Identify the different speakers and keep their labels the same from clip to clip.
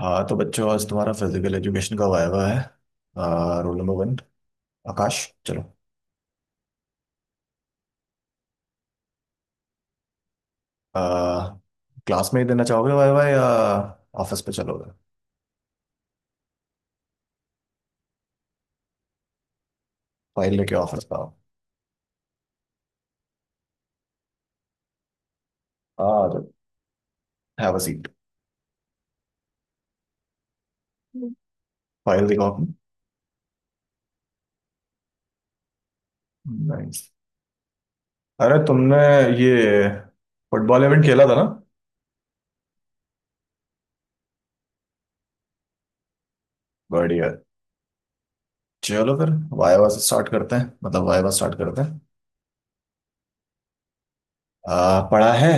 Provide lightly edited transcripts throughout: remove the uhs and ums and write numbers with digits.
Speaker 1: हाँ तो बच्चों आज तुम्हारा फिजिकल एजुकेशन का वायवा है। Roll number 1। आकाश। चलो। आ, क्लास में ही देना चाहोगे वायवा या ऑफिस पे चलोगे? फाइल लेके ऑफिस पे आओ। हाँ तो हैव अ सीट। फाइल दिखाओ अपनी। नाइस। अरे तुमने ये फुटबॉल इवेंट खेला था ना? बढ़िया। चलो फिर वायवा से स्टार्ट करते हैं मतलब वायवा स्टार्ट करते हैं। पढ़ा है?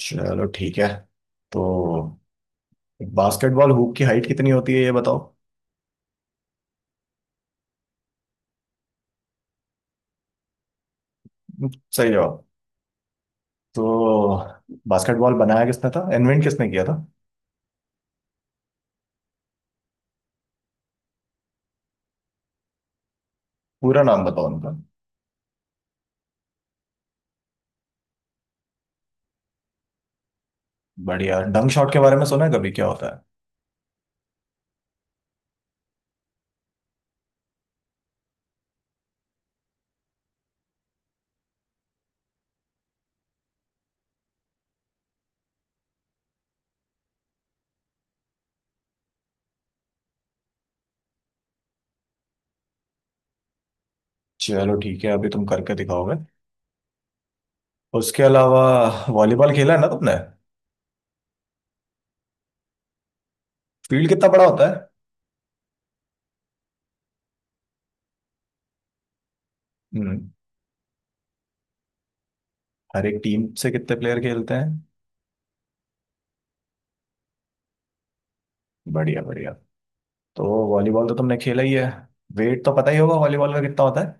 Speaker 1: चलो ठीक है। तो बास्केटबॉल हूप की हाइट कितनी होती है ये बताओ। सही जवाब। तो बास्केटबॉल बनाया किसने था, इन्वेंट किसने किया था? पूरा नाम बताओ उनका। बढ़िया। डंक शॉट के बारे में सुना है कभी, क्या होता है? चलो ठीक है, अभी तुम करके दिखाओगे। उसके अलावा वॉलीबॉल खेला है ना तुमने? फील्ड कितना बड़ा होता है? हम्म। हर एक टीम से कितने प्लेयर खेलते हैं? बढ़िया बढ़िया। तो वॉलीबॉल तो तुमने खेला ही है, वेट तो पता ही होगा वॉलीबॉल का कितना होता है?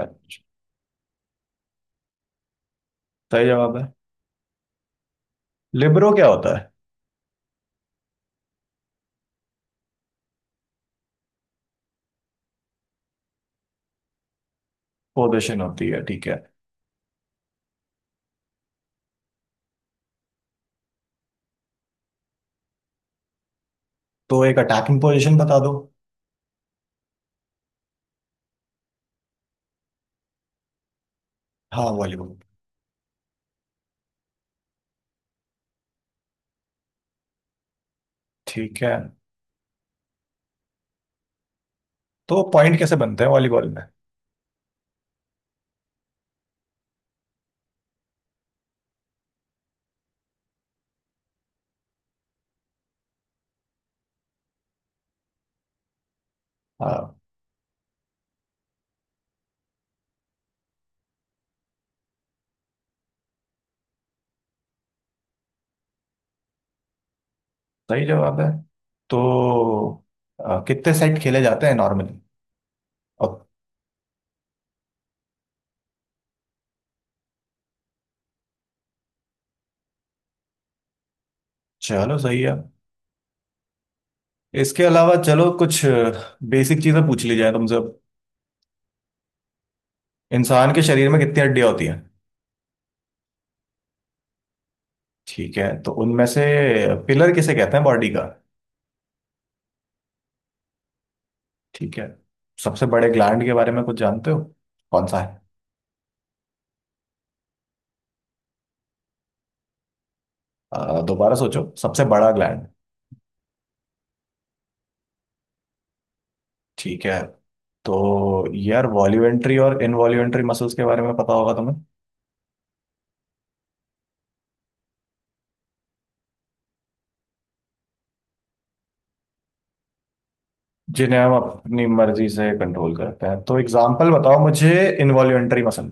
Speaker 1: अच्छा। सही जवाब है। लिबरो क्या होता है? पोजिशन होती है, ठीक है। तो एक अटैकिंग पोजिशन बता दो। हाँ वॉलीबॉल। ठीक है। तो पॉइंट कैसे बनते हैं वॉलीबॉल में? हाँ। सही जवाब है। तो कितने सेट खेले जाते हैं नॉर्मली, और। चलो सही है। इसके अलावा चलो कुछ बेसिक चीजें पूछ ली जाए तुमसे। इंसान के शरीर में कितनी हड्डियां होती हैं? ठीक है, तो उनमें से पिलर किसे कहते हैं बॉडी का? ठीक है। सबसे बड़े ग्लैंड के बारे में कुछ जानते हो, कौन सा है? दोबारा सोचो, सबसे बड़ा ग्लैंड। ठीक है। तो यार वॉल्यूमेंट्री और इनवॉल्यूमेंट्री मसल्स के बारे में पता होगा तुम्हें। जिन्हें हम अपनी मर्जी से कंट्रोल करते हैं, तो एग्जाम्पल बताओ मुझे। Involuntary muscle.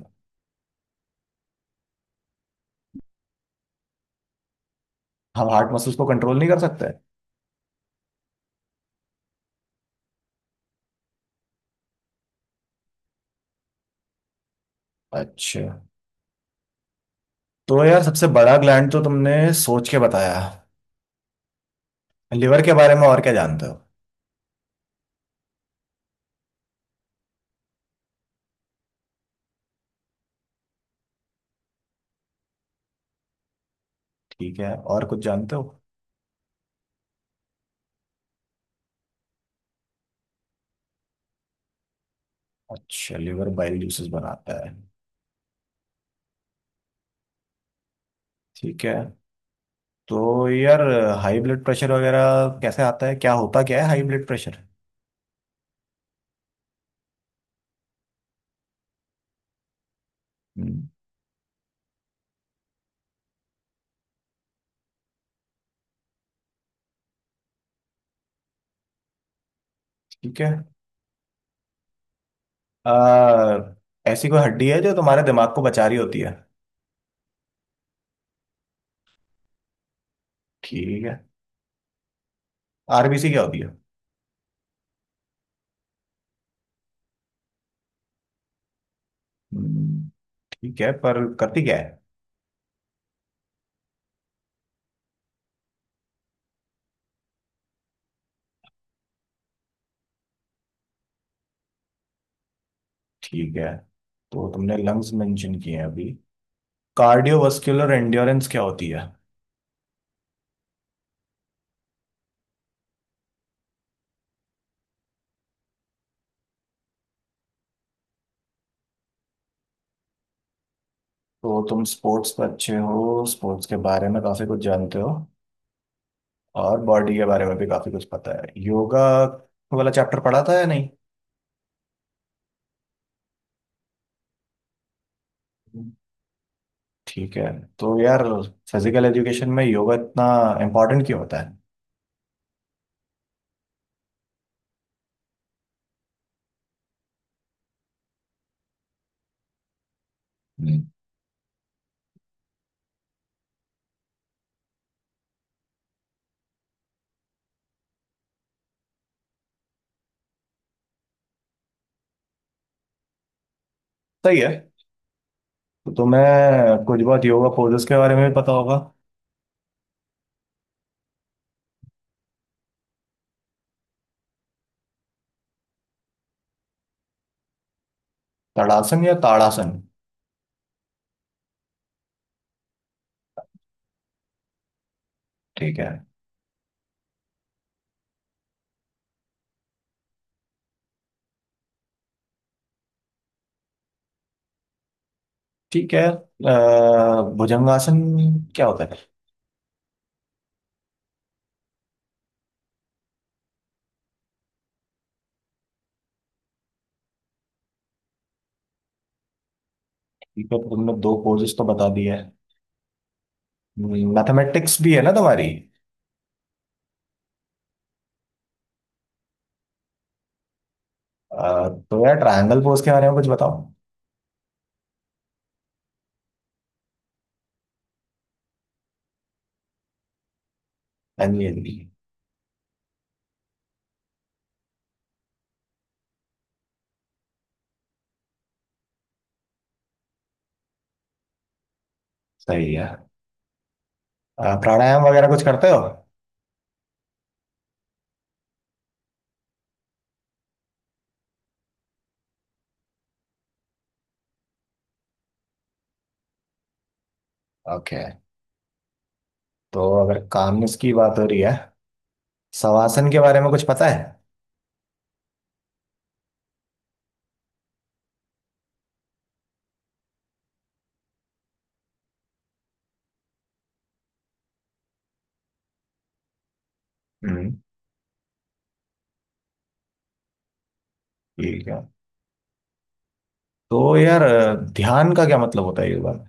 Speaker 1: हम हार्ट मसल्स को कंट्रोल नहीं कर सकते? अच्छा। तो यार सबसे बड़ा ग्लैंड तो तुमने सोच के बताया। लिवर के बारे में और क्या जानते हो? ठीक है, और कुछ जानते हो? अच्छा, लिवर बाइल जूसेस बनाता है। ठीक है। तो यार हाई ब्लड प्रेशर वगैरह कैसे आता है, क्या होता क्या है हाई ब्लड प्रेशर? हम्म। ठीक है। आ, ऐसी कोई हड्डी है जो तुम्हारे दिमाग को बचा रही होती है? ठीक है। आरबीसी क्या होती है? हम्म। ठीक है, पर करती क्या है? ठीक है, तो तुमने लंग्स मेंशन किए हैं अभी। कार्डियोवास्कुलर एंड्योरेंस क्या होती है? तो तुम स्पोर्ट्स पर अच्छे हो, स्पोर्ट्स के बारे में काफी कुछ जानते हो और बॉडी के बारे में भी काफी कुछ पता है। योगा वाला चैप्टर पढ़ा था या नहीं? हम्म। ठीक है। तो यार फिजिकल एजुकेशन में योगा इतना इम्पोर्टेंट क्यों होता है? हम्म। सही है। तो तुम्हें कुछ बहुत योगा पोजेस के बारे में भी पता होगा। तड़ासन या ताड़ासन? ठीक है। ठीक है, भुजंगासन क्या होता है? ठीक है, तुमने दो पोजेस तो बता दिए हैं। मैथमेटिक्स भी है ना तुम्हारी? अ, तो यार ट्रायंगल पोज के बारे में कुछ बताओ। हाँ जी हाँ जी। सही है। प्राणायाम वगैरह कुछ करते हो? ओके। तो अगर कामनेस की बात हो रही है, शवासन के बारे में कुछ पता है? हम्म। ठीक है। तो यार ध्यान का क्या मतलब होता है ये बात?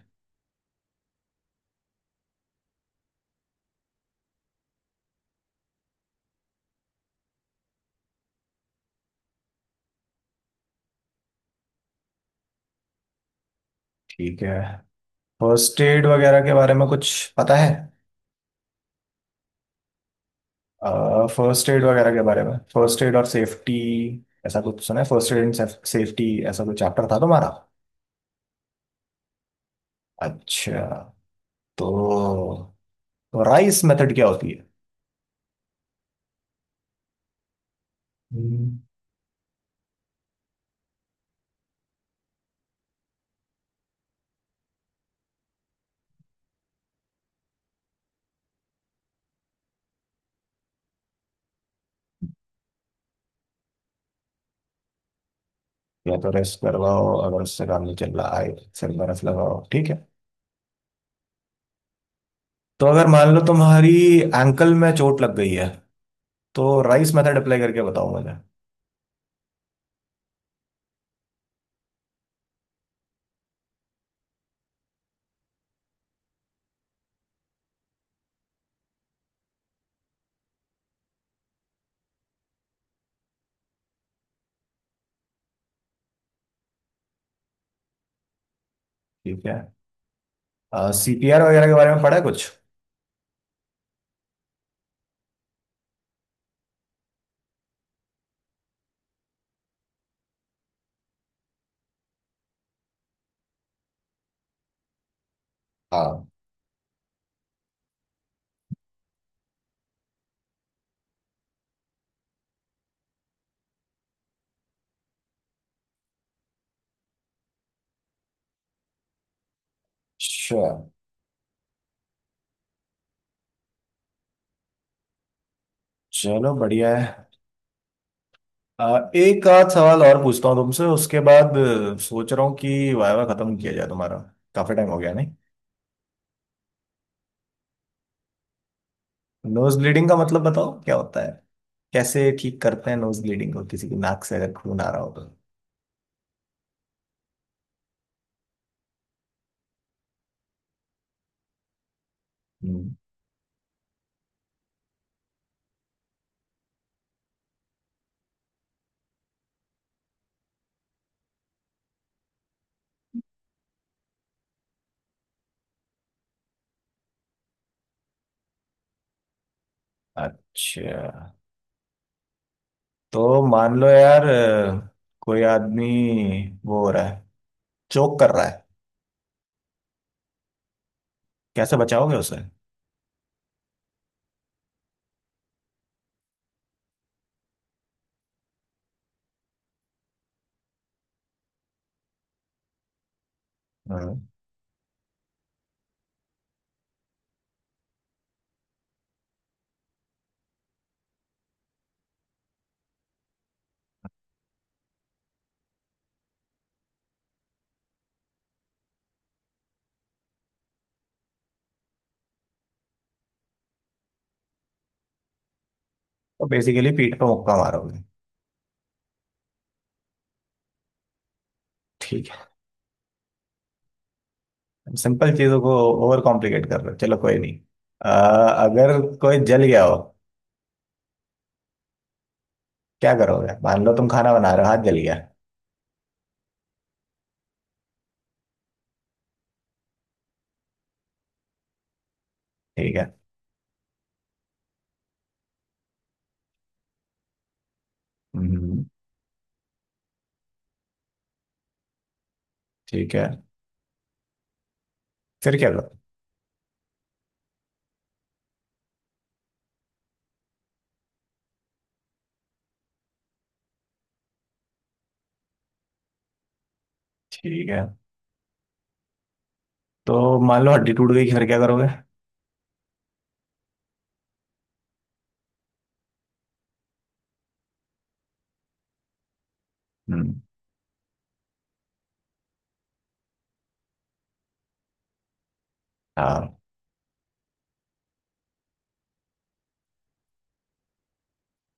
Speaker 1: ठीक है। फर्स्ट एड वगैरह के बारे में कुछ पता है? फर्स्ट एड वगैरह के बारे में, फर्स्ट एड और सेफ्टी, ऐसा कुछ सुना है? फर्स्ट एड एंड सेफ्टी ऐसा कोई चैप्टर था तुम्हारा? अच्छा। तो, तो राइस मेथड क्या होती है? हम्म। या तो रेस्ट करवाओ, अगर उससे काम नहीं चल रहा है सिर बर्फ लगाओ, ठीक है। तो अगर मान लो तुम्हारी एंकल में चोट लग गई है, तो राइस मेथड अप्लाई करके बताओ मुझे। ठीक है। सीपीआर वगैरह के बारे में पढ़ा है कुछ? हाँ। अच्छा, चलो बढ़िया है। एक आध सवाल और पूछता हूँ तुमसे, उसके बाद सोच रहा हूँ कि वायवा खत्म किया जाए तुम्हारा। काफी टाइम हो गया नहीं? नोज ब्लीडिंग का मतलब बताओ क्या होता है, कैसे ठीक करते हैं नोज ब्लीडिंग को, किसी की नाक से अगर खून आ रहा हो तो? हम्म। अच्छा। तो मान लो यार कोई आदमी वो हो रहा है, चोक कर रहा है, कैसे बचाओगे उसे? हम्म। तो बेसिकली पीठ पे मुक्का मारोगे? ठीक है। सिंपल चीजों को ओवर कॉम्प्लिकेट कर रहे हो, चलो कोई नहीं। अ, अगर कोई जल गया हो क्या करोगे? मान लो तुम खाना बना रहे हो, हाथ जल गया। ठीक है। हम्म। ठीक है। फिर क्या करोगे? ठीक है। तो मान लो हड्डी टूट गई, फिर क्या करोगे? हम्म। हाँ।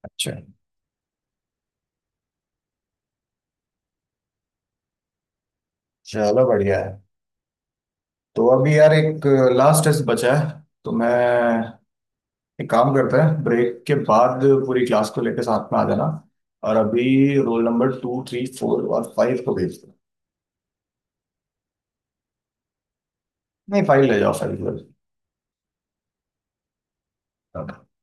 Speaker 1: अच्छा। चलो बढ़िया है। तो अभी यार एक लास्ट टेस्ट बचा है। तो मैं एक काम करता है, ब्रेक के बाद पूरी क्लास को लेकर साथ में आ जाना। और अभी रोल नंबर 2 3 4 और 5 को भेज दो। नहीं 5 ले जाओ, 5 ले जाओ।